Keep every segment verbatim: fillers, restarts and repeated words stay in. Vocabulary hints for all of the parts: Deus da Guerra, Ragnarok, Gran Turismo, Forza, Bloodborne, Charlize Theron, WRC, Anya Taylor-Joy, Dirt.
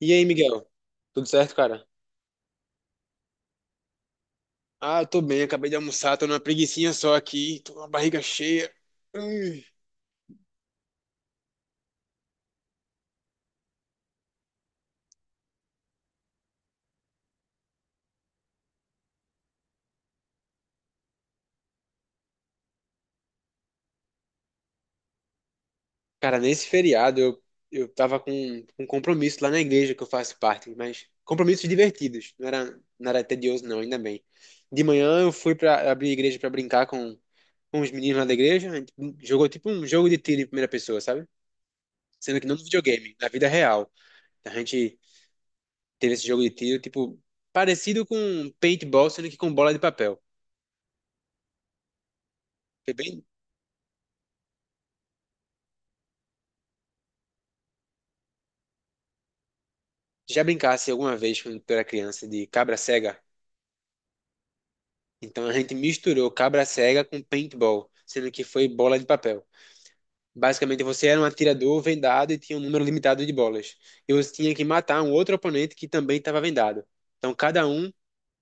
E aí, Miguel? Tudo certo, cara? Ah, eu tô bem, acabei de almoçar, tô numa preguicinha só aqui, tô com a barriga cheia. Hum. Cara, nesse feriado eu, eu tava com um compromisso lá na igreja que eu faço parte, mas compromissos divertidos, não era, não era tedioso não, ainda bem. De manhã eu fui pra abrir a igreja pra brincar com, com os meninos lá da igreja, a gente jogou tipo um jogo de tiro em primeira pessoa, sabe? Sendo que não no videogame, na vida real. A gente teve esse jogo de tiro, tipo, parecido com paintball, sendo que com bola de papel. Foi bem, Já brincasse alguma vez quando tu era criança de cabra cega? Então a gente misturou cabra cega com paintball, sendo que foi bola de papel. Basicamente você era um atirador vendado e tinha um número limitado de bolas. E você tinha que matar um outro oponente que também estava vendado. Então cada um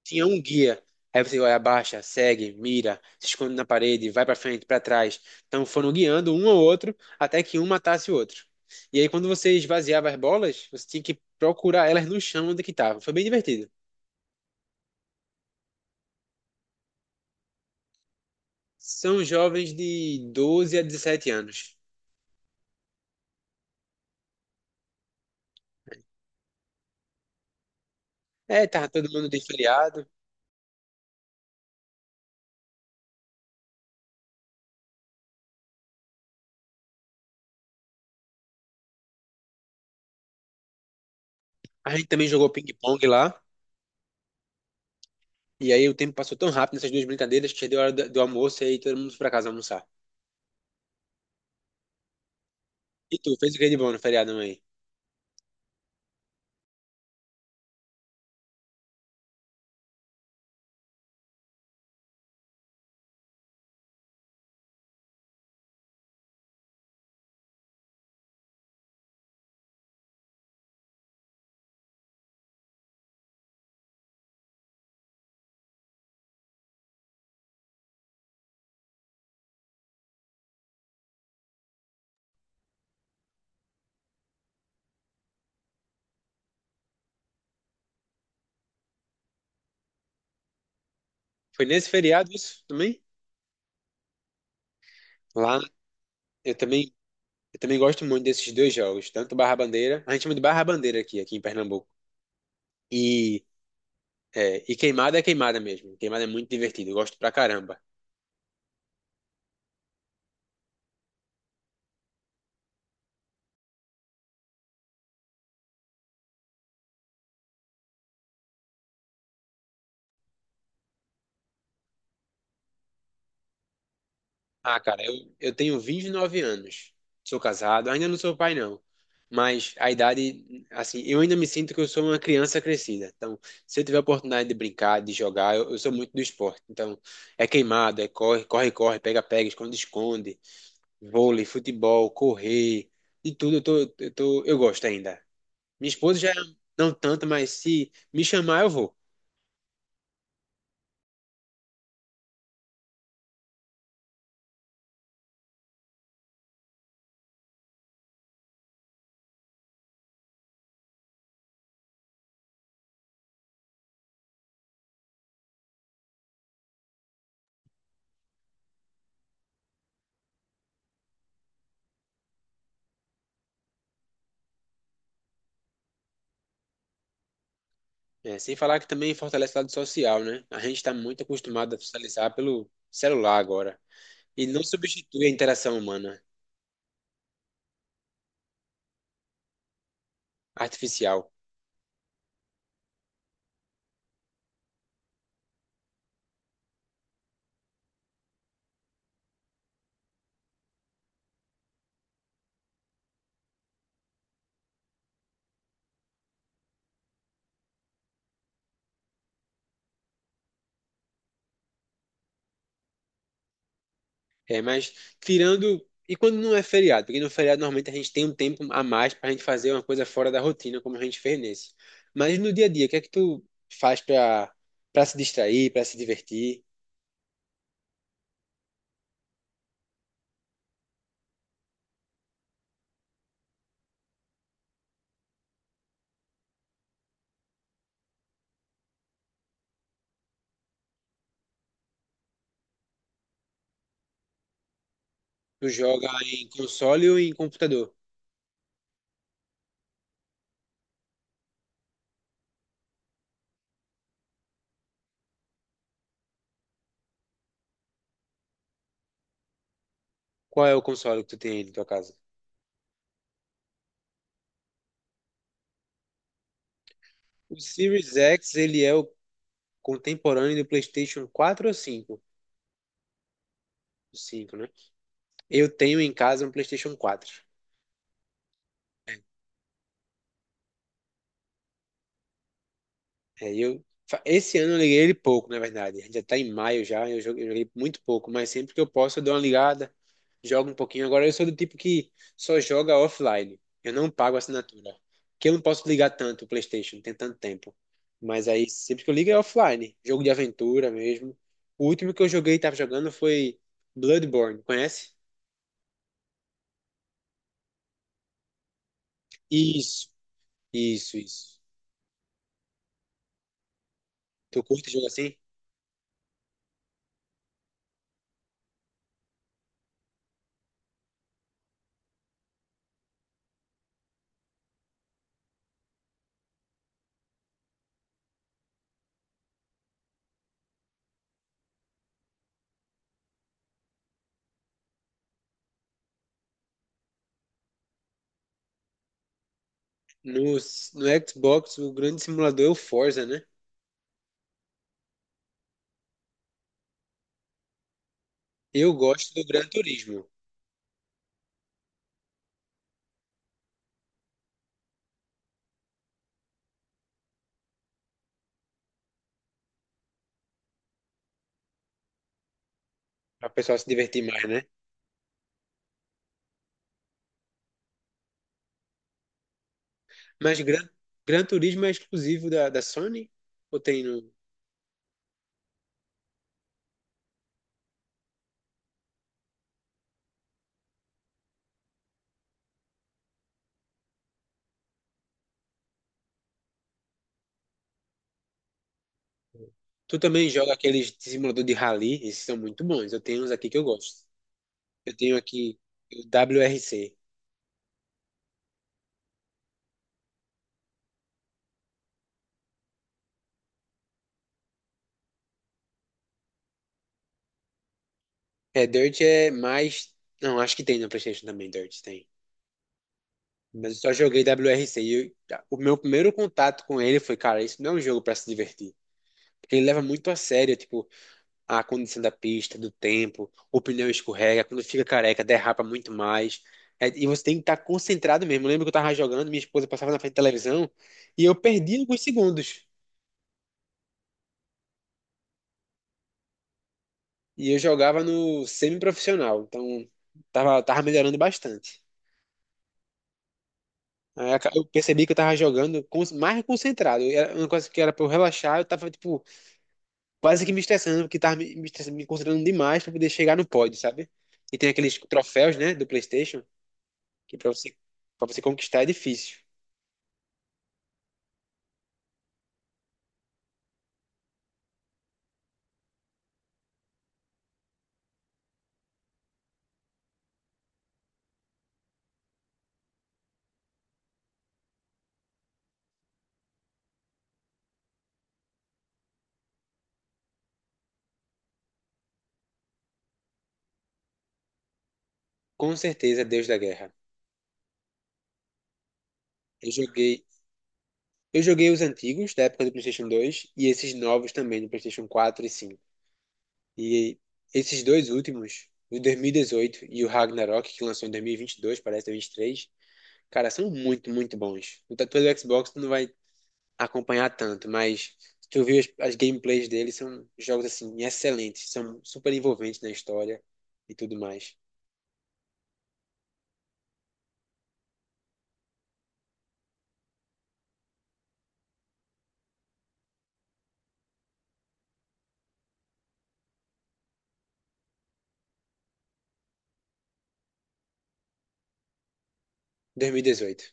tinha um guia. Aí você vai, abaixa, segue, mira, se esconde na parede, vai pra frente, pra trás. Então foram guiando um ao outro até que um matasse o outro. E aí quando você esvaziava as bolas, você tinha que procurar elas no chão onde que estavam. Foi bem divertido. São jovens de doze a dezessete anos. É, tava todo mundo de feriado. A gente também jogou ping-pong lá. E aí o tempo passou tão rápido nessas duas brincadeiras que já deu hora do, do almoço e aí todo mundo foi pra casa almoçar. E tu, fez o que de bom no feriado, mãe? Foi nesse feriado isso também? Lá, eu também, eu também gosto muito desses dois jogos, tanto Barra Bandeira, a gente chama de Barra Bandeira aqui, aqui em Pernambuco. E, é, e queimada é queimada mesmo. Queimada é muito divertido, eu gosto pra caramba. Ah, cara, eu, eu tenho vinte e nove anos. Sou casado, ainda não sou pai, não. Mas a idade, assim, eu ainda me sinto que eu sou uma criança crescida. Então, se eu tiver a oportunidade de brincar, de jogar, eu, eu sou muito do esporte. Então, é queimado, é corre, corre, corre, pega, pega, esconde, esconde, vôlei, futebol, correr, de tudo eu tô, eu tô, eu gosto ainda. Minha esposa já não tanto, mas se me chamar, eu vou. É, sem falar que também fortalece o lado social, né? A gente está muito acostumado a socializar pelo celular agora. E não substitui a interação humana, artificial. É, mas tirando. E quando não é feriado? Porque no feriado normalmente a gente tem um tempo a mais pra gente fazer uma coisa fora da rotina, como a gente fez nesse. Mas no dia a dia, o que é que tu faz pra, pra se distrair, pra se divertir? Tu joga em console ou em computador? Qual é o console que tu tem aí na tua casa? O Series X, ele é o contemporâneo do PlayStation quatro ou cinco? O cinco, né? Eu tenho em casa um PlayStation quatro. É, e eu, fa- esse ano eu liguei ele pouco, na verdade. A gente já tá em maio já, eu jo- eu joguei muito pouco, mas sempre que eu posso eu dou uma ligada, jogo um pouquinho. Agora eu sou do tipo que só joga offline. Eu não pago assinatura. Porque eu não posso ligar tanto o PlayStation, não tem tanto tempo. Mas aí sempre que eu ligo é offline, jogo de aventura mesmo. O último que eu joguei e tava jogando foi Bloodborne, conhece? Isso, isso, isso. Tu curte jogo assim? No, no Xbox, o grande simulador é o Forza, né? Eu gosto do Gran Turismo, para o pessoal se divertir mais, né? Mas Gran, Gran Turismo é exclusivo da, da Sony? Ou tem no. Tu também joga aqueles de simulador de rally? Esses são muito bons. Eu tenho uns aqui que eu gosto. Eu tenho aqui o W R C. É, Dirt é mais. Não, acho que tem na PlayStation também, Dirt tem. Mas eu só joguei W R C e eu- o meu primeiro contato com ele foi, cara, isso não é um jogo para se divertir. Porque ele leva muito a sério, tipo, a condição da pista, do tempo, o pneu escorrega, quando fica careca, derrapa muito mais. É, e você tem que estar concentrado mesmo. Eu lembro que eu tava jogando, minha esposa passava na frente da televisão e eu perdi alguns segundos. E eu jogava no semi-profissional, então tava, tava melhorando bastante. Aí aca- eu percebi que eu tava jogando con- mais concentrado. Era uma coisa que era pra eu relaxar, eu tava, tipo, quase que me estressando, porque tava me, me estressando, me concentrando demais pra poder chegar no pódio, sabe? E tem aqueles troféus, né, do PlayStation, que para você, para você conquistar é difícil. Com certeza, é Deus da Guerra. Eu joguei, eu joguei os antigos da época do PlayStation dois e esses novos também do PlayStation quatro e cinco. E esses dois últimos, o dois mil e dezoito e o Ragnarok, que lançou em dois mil e e vinte e dois, parece dois mil e e vinte e três, cara, são muito, muito bons. No tatu do Xbox tu não vai acompanhar tanto, mas se tu viu as, as gameplays deles, são jogos assim excelentes, são super envolventes na história e tudo mais. Dois mil e dezoito.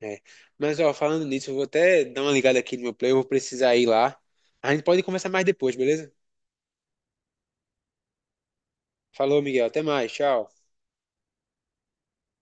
É. Mas, ó, falando nisso, eu vou até dar uma ligada aqui no meu play, eu vou precisar ir lá. A gente pode conversar mais depois, beleza? Falou, Miguel. Até mais. Tchau.